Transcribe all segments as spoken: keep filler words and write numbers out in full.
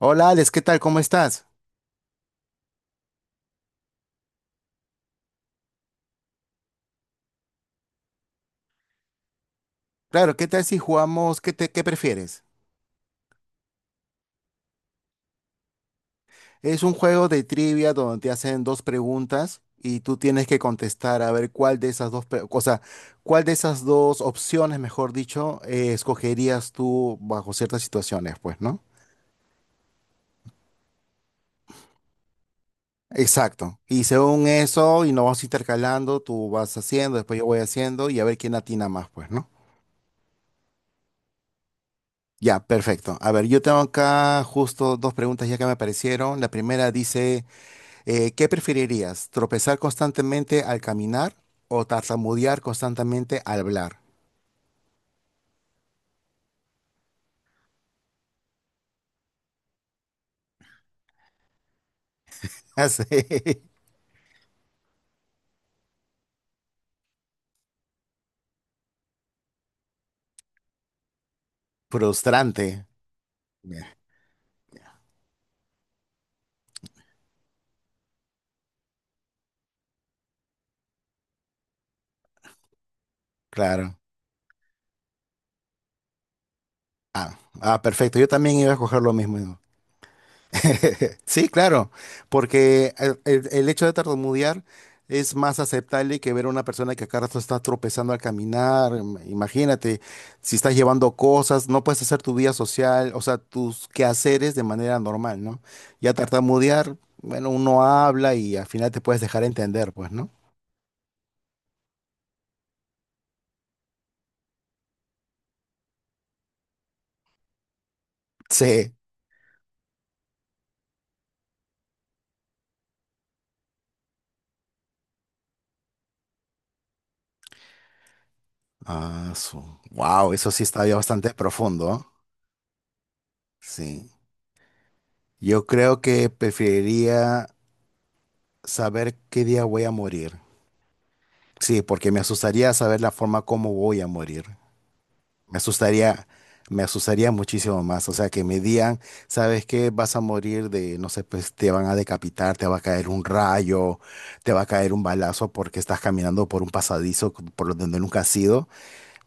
Hola Alex, ¿qué tal? ¿Cómo estás? Claro, ¿qué tal si jugamos? ¿Qué te, qué prefieres? Es un juego de trivia donde te hacen dos preguntas y tú tienes que contestar a ver cuál de esas dos, pre- o sea, cuál de esas dos opciones, mejor dicho, eh, escogerías tú bajo ciertas situaciones, pues, ¿no? Exacto. Y según eso, y nos vamos intercalando, tú vas haciendo, después yo voy haciendo y a ver quién atina más, pues, ¿no? Ya, perfecto. A ver, yo tengo acá justo dos preguntas ya que me aparecieron. La primera dice... Eh, ¿qué preferirías? ¿Tropezar constantemente al caminar o tartamudear constantemente al hablar? Así, frustrante. Claro. Ah, ah, perfecto. Yo también iba a escoger lo mismo. Sí, claro, porque el, el- el hecho de tartamudear es más aceptable que ver a una persona que acá rato está tropezando al caminar. im- Imagínate, si estás llevando cosas, no puedes hacer tu vida social, o sea, tus quehaceres de manera normal, ¿no? Ya tartamudear, bueno, uno habla y al final te puedes dejar entender, pues, ¿no? Sí. Ah, su. Wow, eso sí está ya bastante profundo, ¿ah? Sí. Yo creo que preferiría saber qué día voy a morir. Sí, porque me asustaría saber la forma como voy a morir. Me asustaría, me asustaría muchísimo más. O sea, que me digan, ¿sabes qué? Vas a morir de, no sé, pues te van a decapitar, te va a caer un rayo, te va a caer un balazo porque estás caminando por un pasadizo c- por donde nunca has ido.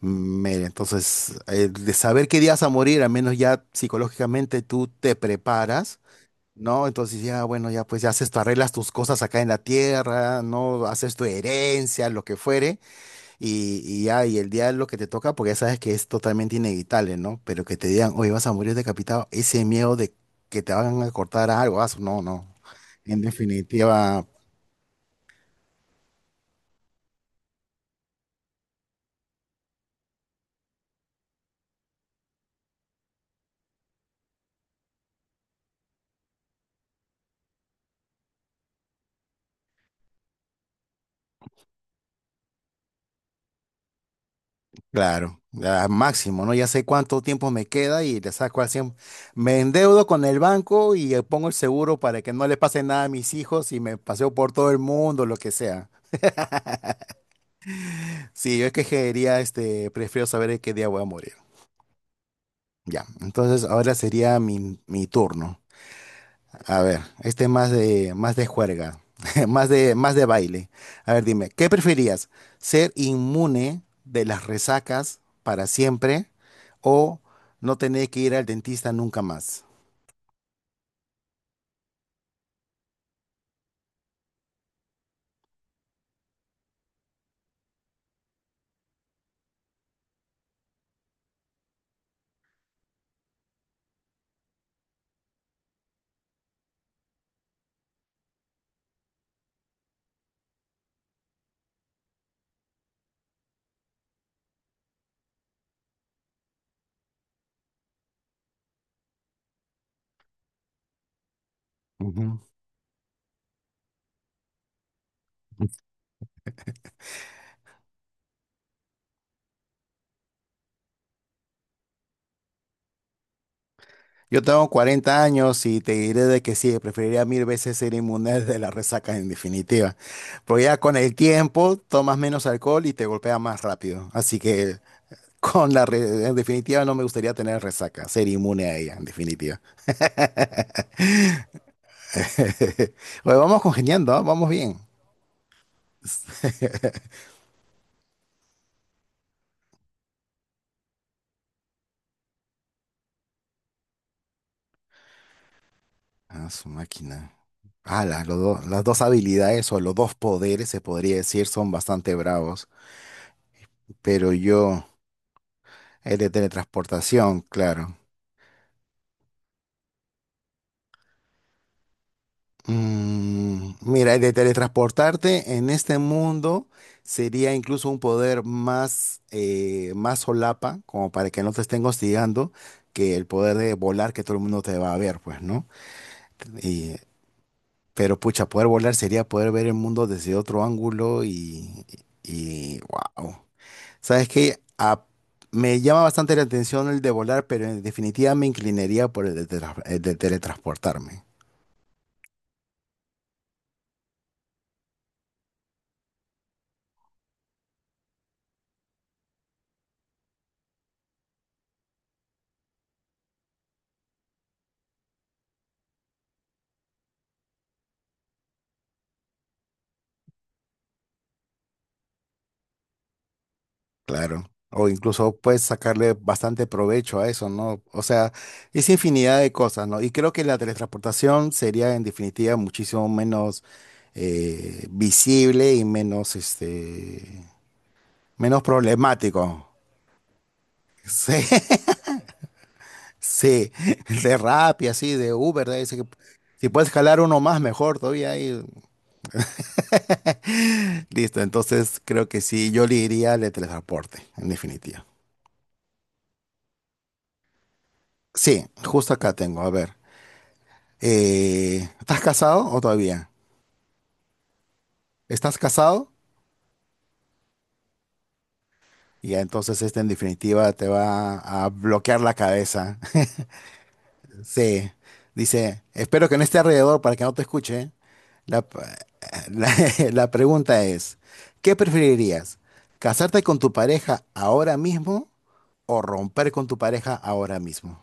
Mm, Mira, entonces, eh, de saber qué día vas a morir, al menos ya psicológicamente tú te preparas. No, entonces ya, bueno, ya pues ya haces, tú arreglas tus cosas acá en la tierra, no haces tu herencia, lo que fuere y, y ya, y el día de lo que te toca, porque ya sabes que es totalmente inevitable, ¿no? Pero que te digan, oye, vas a morir decapitado, ese miedo de que te van a cortar algo, ah, no, no. En definitiva, claro, al máximo, ¿no? Ya sé cuánto tiempo me queda y le saco al cien. Me endeudo con el banco y eh, pongo el seguro para que no le pase nada a mis hijos y me paseo por todo el mundo, lo que sea. Sí, yo es que quería, este, prefiero saber en qué día voy a morir. Ya, entonces ahora sería mi, mi turno. A ver, este más de más de juerga, más de más de baile. A ver, dime, ¿qué preferías? ¿Ser inmune de las resacas para siempre o no tener que ir al dentista nunca más? Ujú. Yo tengo cuarenta años y te diré de que sí, preferiría mil veces ser inmune de las resacas en definitiva. Porque ya con el tiempo tomas menos alcohol y te golpea más rápido. Así que con la re- en definitiva no me gustaría tener resaca, ser inmune a ella en definitiva. Oye, vamos congeniando, ¿ah? Vamos bien. Ah, su máquina. Ah, las, los dos- las dos habilidades o los dos poderes, se podría decir, son bastante bravos. Pero yo, el de teletransportación, claro. Mm, mira, el de teletransportarte en este mundo sería incluso un poder más, eh, más solapa, como para que no te estén hostigando, que el poder de volar que todo el mundo te va a ver, pues, ¿no? Y Pero pucha, poder volar sería poder ver el mundo desde otro ángulo y, y wow. ¿Sabes qué? A- me llama bastante la atención el de volar, pero en definitiva me inclinaría por el de, tra- el de teletransportarme, claro. O incluso puedes sacarle bastante provecho a eso, ¿no? O sea, es infinidad de cosas, ¿no? Y creo que la teletransportación sería en definitiva muchísimo menos eh, visible y menos, este, menos problemático. Sí. Sí, de Rappi, así, de Uber, de ahí, sí que- si puedes jalar uno más, mejor todavía ahí. Listo, entonces creo que sí, yo le iría al de teletransporte, en definitiva. Sí, justo acá tengo, a ver. Eh, ¿estás casado o todavía? ¿Estás casado? Ya, entonces este en definitiva te va a bloquear la cabeza. Sí, dice, espero que no esté alrededor para que no te escuche. La, la, la pregunta es, ¿qué preferirías? ¿Casarte con tu pareja ahora mismo o romper con tu pareja ahora mismo?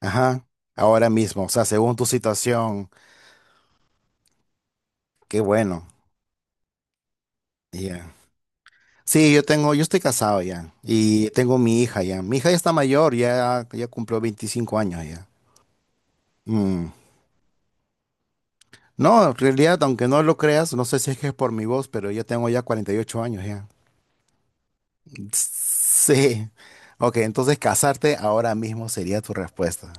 Ajá, ahora mismo, o sea, según tu situación, qué bueno. Ya. Sí, yo tengo, yo estoy casado ya y tengo mi hija ya. Mi hija ya está mayor, ya, ya cumplió veinticinco años ya. Mm. No, en realidad, aunque no lo creas, no sé si es que es por mi voz, pero yo tengo ya cuarenta y ocho años ya. Sí. Ok, entonces casarte ahora mismo sería tu respuesta.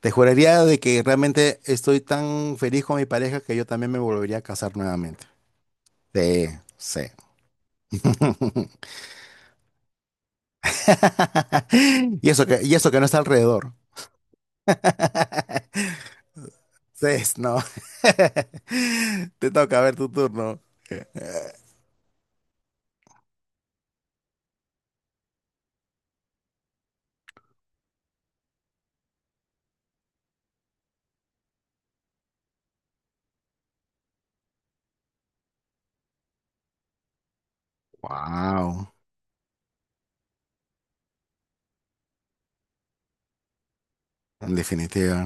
Te juraría de que realmente estoy tan feliz con mi pareja que yo también me volvería a casar nuevamente. Sí, sí. Y eso que, y eso que no está alrededor. Sí, es- no. Te toca a ver tu turno. Wow, en definitiva.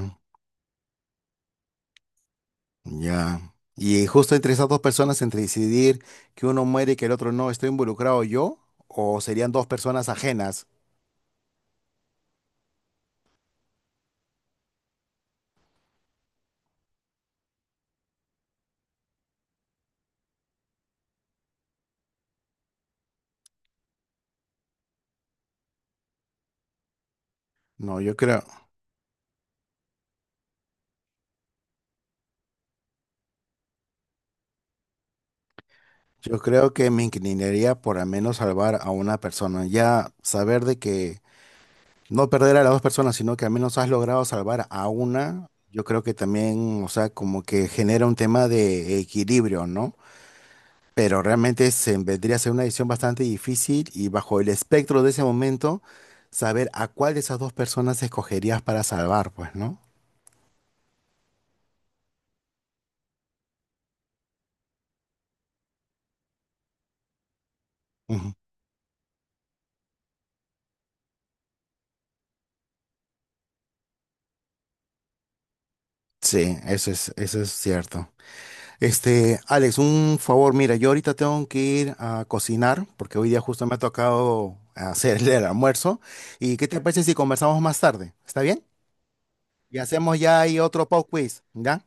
Ya. Y justo entre esas dos personas, entre decidir que uno muere y que el otro no, ¿estoy involucrado yo? ¿O serían dos personas ajenas? No, yo creo, yo creo que me inclinaría por al menos salvar a una persona. Ya saber de que no perder a las dos personas, sino que al menos has logrado salvar a una, yo creo que también, o sea, como que genera un tema de equilibrio, ¿no? Pero realmente se vendría a ser una decisión bastante difícil y bajo el espectro de ese momento, saber a cuál de esas dos personas escogerías para salvar, pues, ¿no? Ujú. Sí, eso es, eso es cierto. Este, Alex, un favor, mira, yo ahorita tengo que ir a cocinar porque hoy día justo me ha tocado hacerle el almuerzo. ¿Y qué te parece si conversamos más tarde? ¿Está bien? Y hacemos ya ahí otro pop quiz, ¿ya?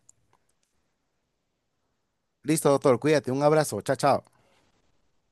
Listo, doctor, cuídate, un abrazo, chao, chao.